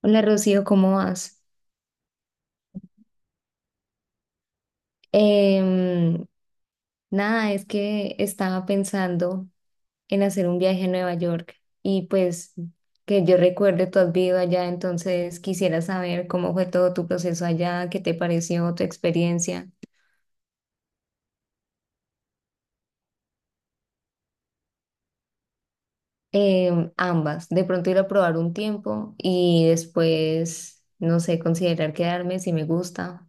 Hola Rocío, ¿cómo vas? Em, Nada, es que estaba pensando en hacer un viaje a Nueva York y pues que yo recuerde, tú has vivido allá, entonces quisiera saber cómo fue todo tu proceso allá, qué te pareció tu experiencia. Ambas, de pronto ir a probar un tiempo y después, no sé, considerar quedarme si me gusta.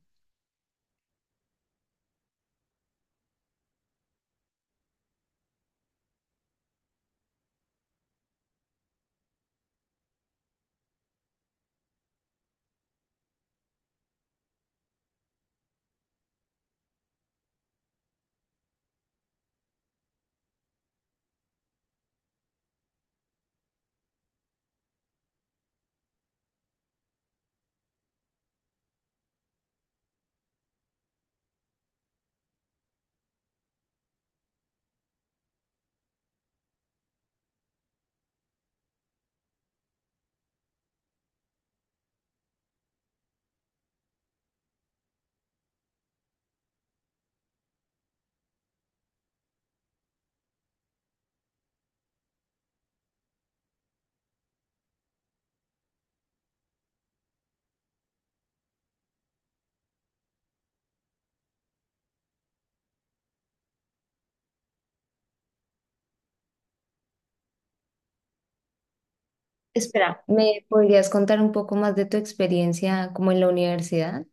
Espera, ¿me podrías contar un poco más de tu experiencia como en la universidad?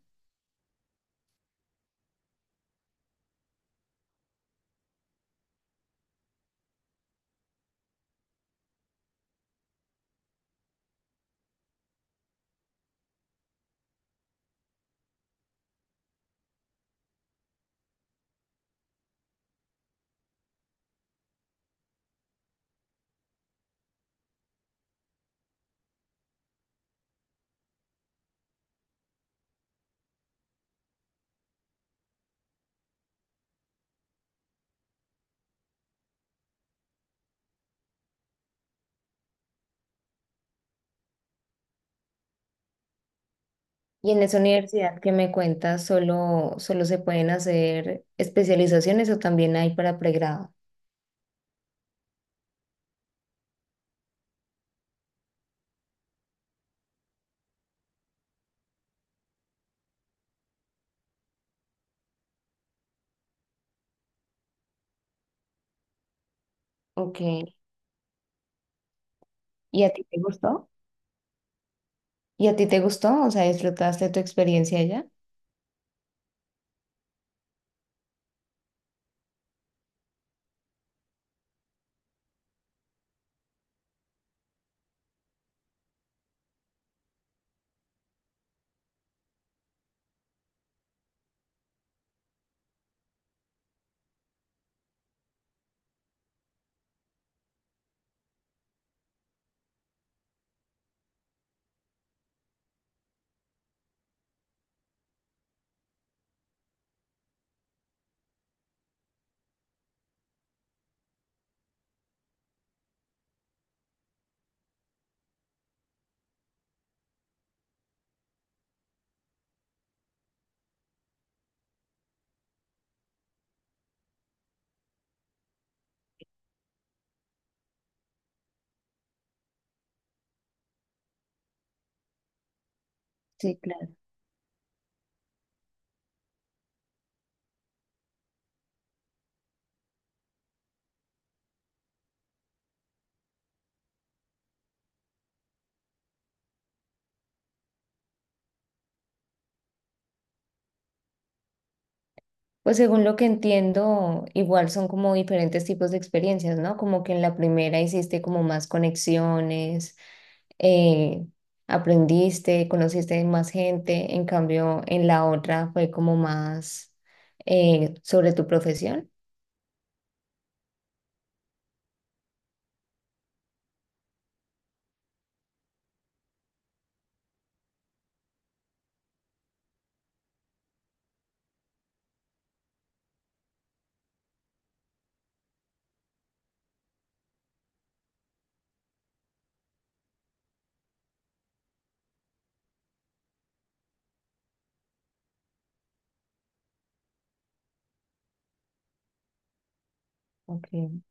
Y en esa universidad que me cuentas, ¿solo se pueden hacer especializaciones o también hay para pregrado? Ok. ¿Y a ti te gustó? ¿Y a ti te gustó? O sea, ¿disfrutaste tu experiencia allá? Sí, claro. Pues según lo que entiendo, igual son como diferentes tipos de experiencias, ¿no? Como que en la primera hiciste como más conexiones, eh, aprendiste, conociste más gente, en cambio en la otra fue como más sobre tu profesión. Ok.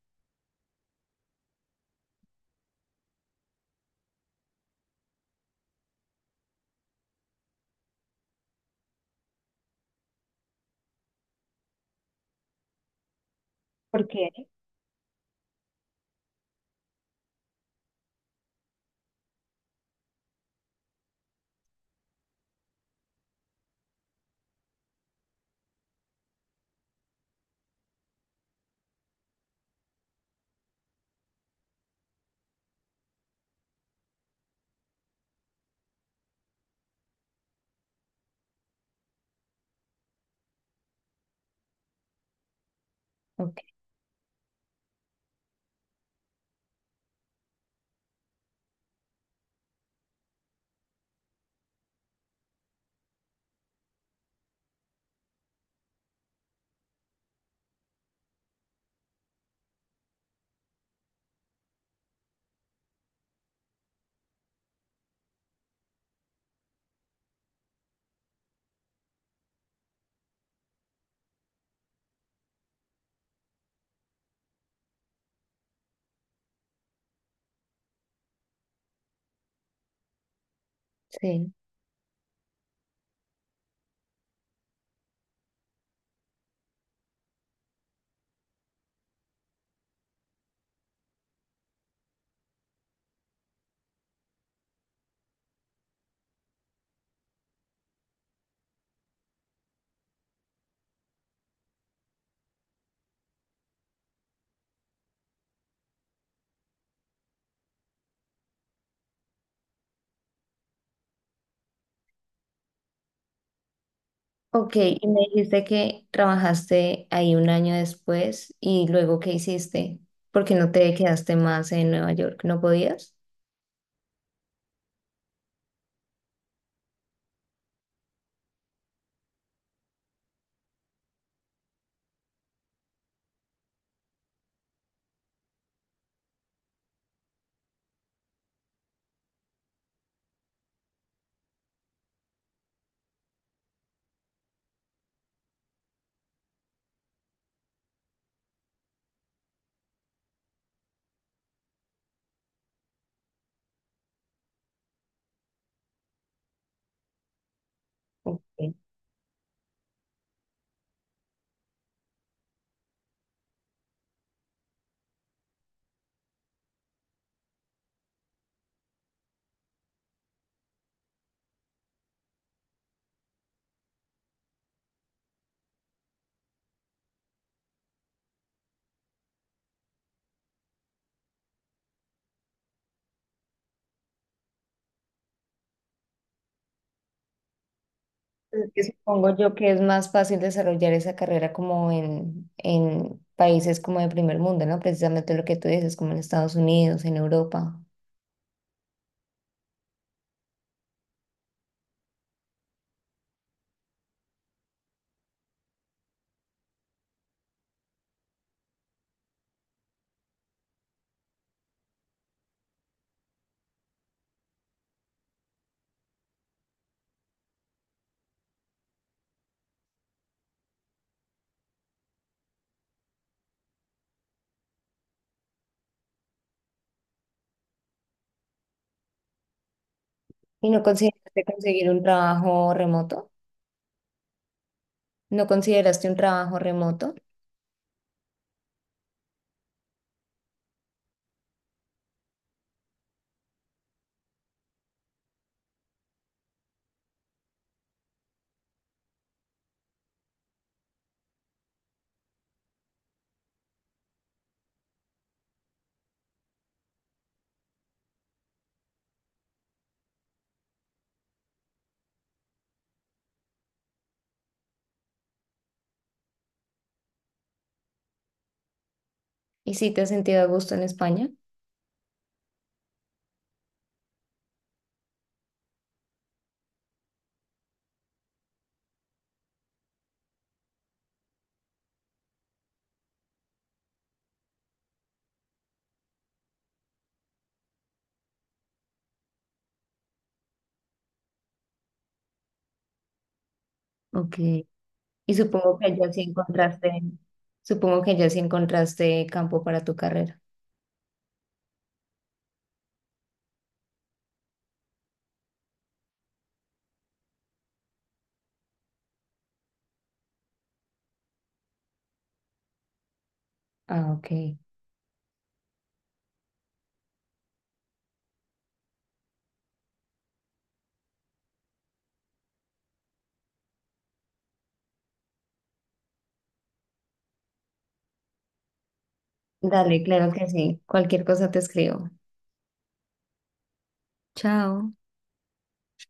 ¿Por qué? Ok, sí. Ok, y me dijiste que trabajaste ahí un año después y luego ¿qué hiciste? ¿Por qué no te quedaste más en Nueva York? ¿No podías? Ok. Es que supongo yo que es más fácil desarrollar esa carrera como en países como de primer mundo, ¿no? Precisamente lo que tú dices, como en Estados Unidos, en Europa. ¿Y no consideraste conseguir un trabajo remoto? ¿No consideraste un trabajo remoto? ¿Y si te has sentido a gusto en España? Ok. Y supongo que ya sí encontraste, supongo que ya sí encontraste campo para tu carrera. Ah, ok. Dale, claro que sí. Cualquier cosa te escribo. Chao.